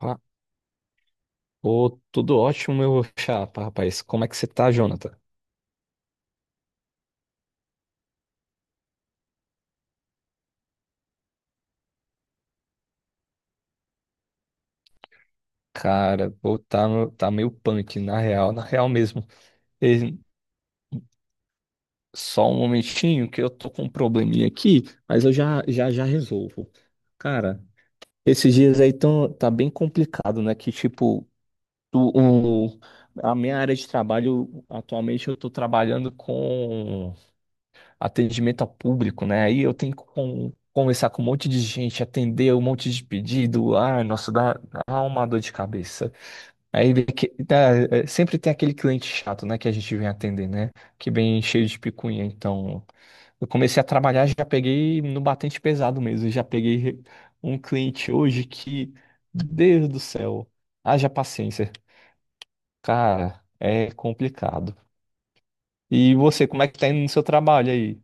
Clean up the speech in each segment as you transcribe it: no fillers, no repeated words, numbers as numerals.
Ah, ô, tudo ótimo, meu chapa, rapaz. Como é que você tá, Jonathan? Cara, pô, tá, tá meio punk, na real, na real mesmo. E só um momentinho que eu tô com um probleminha aqui, mas eu já resolvo. Cara, esses dias aí tá bem complicado, né? Que tipo, tu- o, a minha área de trabalho, atualmente eu tô trabalhando com atendimento ao público, né? Aí eu tenho que conversar com um monte de gente, atender um monte de pedido. Ai, nossa, dá uma dor de cabeça. Aí é, sempre tem aquele cliente chato, né, que a gente vem atender, né? Que vem cheio de picuinha. Então, eu comecei a trabalhar, já peguei no batente pesado mesmo. Já peguei um cliente hoje que, Deus do céu, haja paciência. Cara, é complicado. E você, como é que tá indo no seu trabalho aí?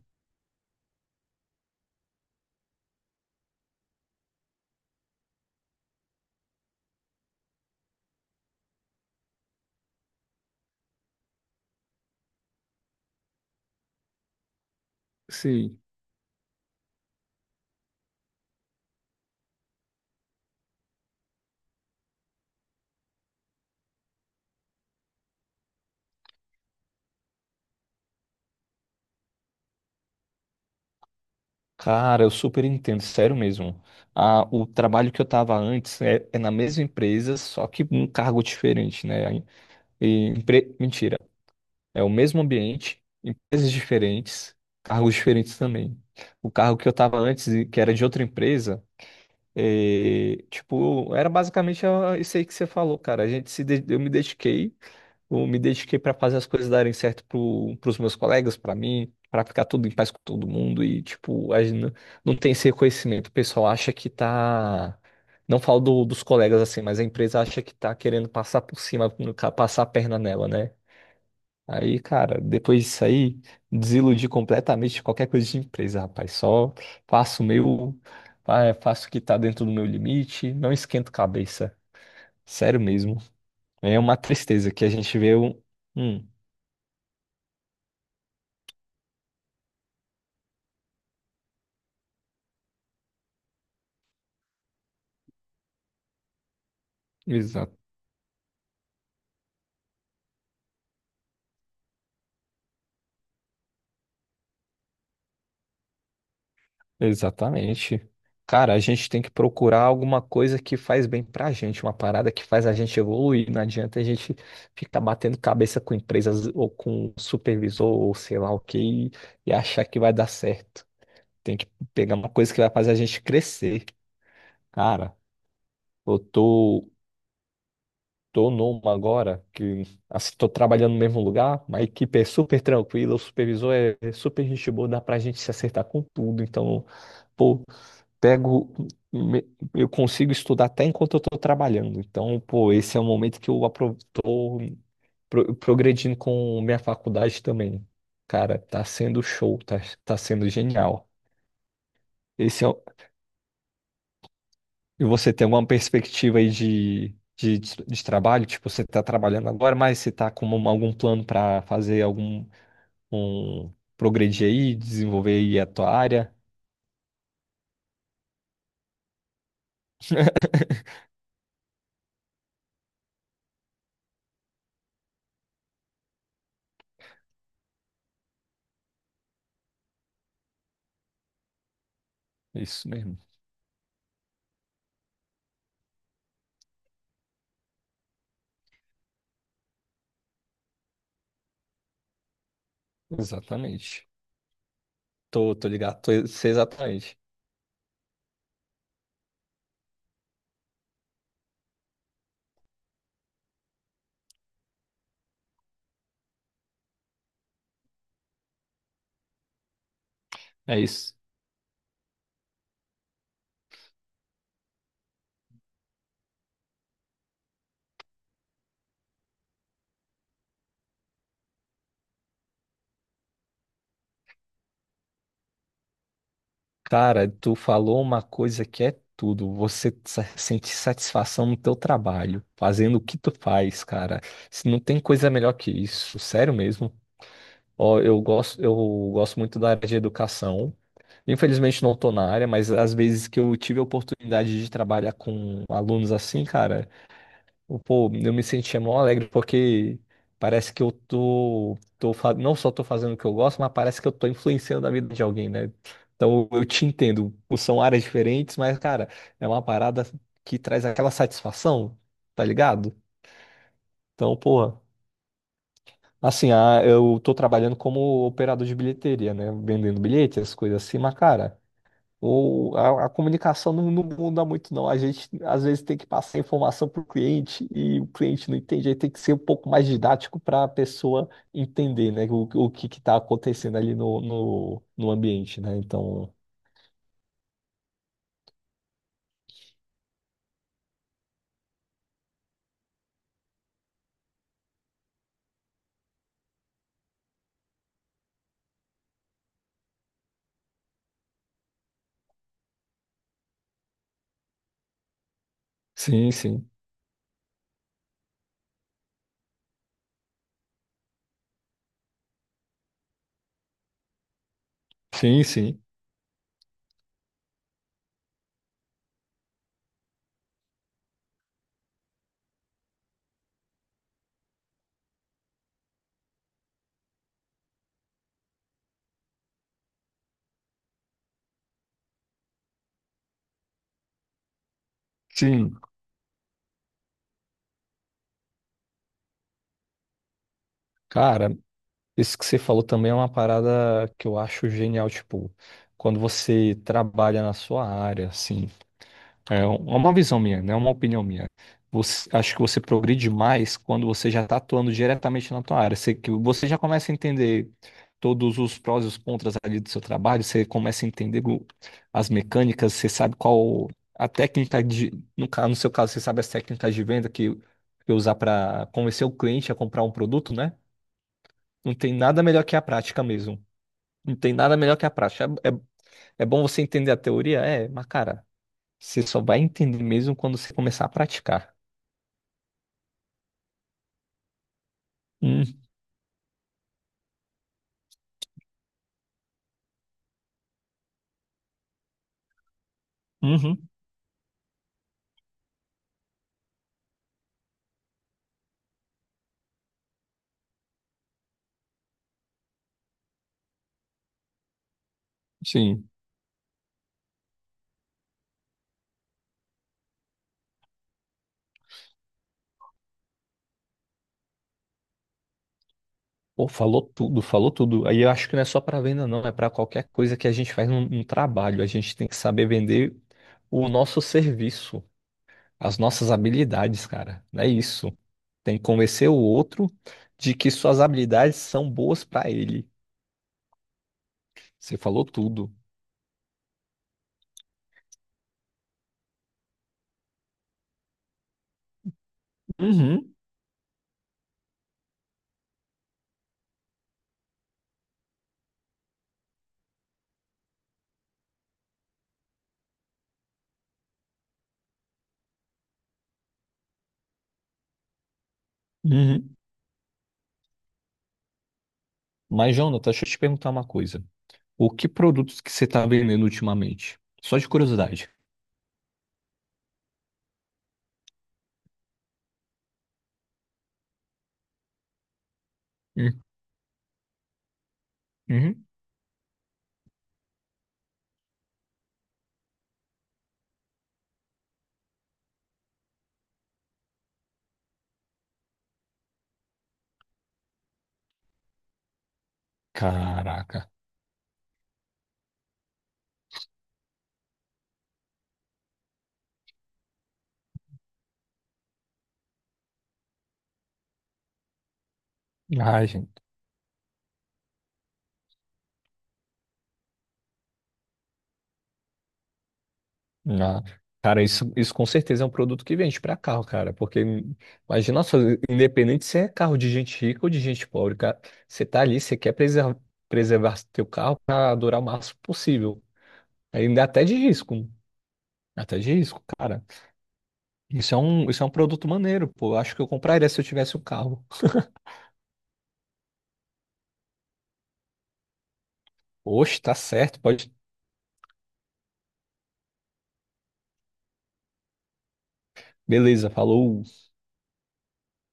Sim. Cara, eu super entendo, sério mesmo. Ah, o trabalho que eu estava antes é na mesma empresa, só que um cargo diferente, né? E, mentira, é o mesmo ambiente, empresas diferentes, cargos diferentes também. O cargo que eu estava antes, e que era de outra empresa, eh, tipo, era basicamente ah, isso aí que você falou, cara. A gente se, de- eu me dediquei para fazer as coisas darem certo pros meus colegas, para mim, para ficar tudo em paz com todo mundo e, tipo, a gente não, não tem esse reconhecimento. O pessoal acha que tá. Não falo dos colegas assim, mas a empresa acha que tá querendo passar por cima, no ca- passar a perna nela, né? Aí, cara, depois disso aí, desiludi completamente de qualquer coisa de empresa, rapaz. Só faço o meu, faço o que tá dentro do meu limite, não esquento cabeça. Sério mesmo. É uma tristeza que a gente vê um. Hum, Exa- exatamente. Cara, a gente tem que procurar alguma coisa que faz bem pra gente, uma parada que faz a gente evoluir. Não adianta a gente ficar batendo cabeça com empresas ou com supervisor ou sei lá o e achar que vai dar certo. Tem que pegar uma coisa que vai fazer a gente crescer. Cara, eu tô, tô numa agora que assim, tô trabalhando no mesmo lugar, uma equipe é super tranquila, o supervisor é super gente boa, dá pra gente se acertar com tudo. Então, pô, pego, me- eu consigo estudar até enquanto eu estou trabalhando. Então, pô, esse é o momento que eu progredindo com minha faculdade também. Cara, tá sendo genial. Esse é, o- e você tem alguma perspectiva aí de trabalho? Tipo, você tá trabalhando agora, mas você tá com algum plano para fazer um, progredir aí, desenvolver aí a tua área? Isso mesmo. Exatamente. Sei exatamente. É isso. Cara, tu falou uma coisa que é tudo. Você sentir satisfação no teu trabalho, fazendo o que tu faz, cara. Se não tem coisa melhor que isso, sério mesmo. Ó, eu gosto muito da área de educação. Infelizmente não tô na área, mas às vezes que eu tive a oportunidade de trabalhar com alunos assim, cara, pô, eu me sentia mó alegre porque parece que eu não só tô fazendo o que eu gosto, mas parece que eu tô influenciando a vida de alguém, né? Então eu te entendo. São áreas diferentes, mas, cara, é uma parada que traz aquela satisfação, tá ligado? Então, porra, assim, ah, eu tô trabalhando como operador de bilheteria, né? Vendendo bilhetes, essas coisas assim, mas, cara, ou a comunicação não muda muito, não. A gente às vezes tem que passar informação para o cliente e o cliente não entende. Aí tem que ser um pouco mais didático para a pessoa entender, né, o que está acontecendo ali no ambiente, né? Então, sim, sim, sim, sim, sim. Cara, isso que você falou também é uma parada que eu acho genial, tipo, quando você trabalha na sua área, assim. É é uma visão minha, não é uma opinião minha. Acho que você progride mais quando você já está atuando diretamente na tua área. Que você já começa a entender todos os prós e os contras ali do seu trabalho, você começa a entender as mecânicas, você sabe qual a técnica de, no seu caso, você sabe as técnicas de venda que usar para convencer o cliente a comprar um produto, né? Não tem nada melhor que a prática mesmo. Não tem nada melhor que a prática. É bom você entender a teoria, é, mas cara, você só vai entender mesmo quando você começar a praticar. Hum. Uhum. Sim. Pô, falou tudo, falou tudo. Aí eu acho que não é só para venda, não, é para qualquer coisa que a gente faz num trabalho. A gente tem que saber vender o nosso serviço, as nossas habilidades, cara. É isso. Tem que convencer o outro de que suas habilidades são boas para ele. Você falou tudo. Uhum, uhum. Mas, Jonathan, deixa eu te perguntar uma coisa. O que produtos que você está vendendo ultimamente? Só de curiosidade. Uhum. Caraca. Ai, gente. Ah, cara, isso com certeza é um produto que vende pra carro, cara. Porque imagina só, independente se é carro de gente rica ou de gente pobre, cara, você tá ali, preservar teu carro pra durar o máximo possível. Ainda até de risco. Até de risco, cara. Isso é um produto maneiro, pô. Eu acho que eu compraria se eu tivesse o carro. Oxe, tá certo, pode. Beleza, falou.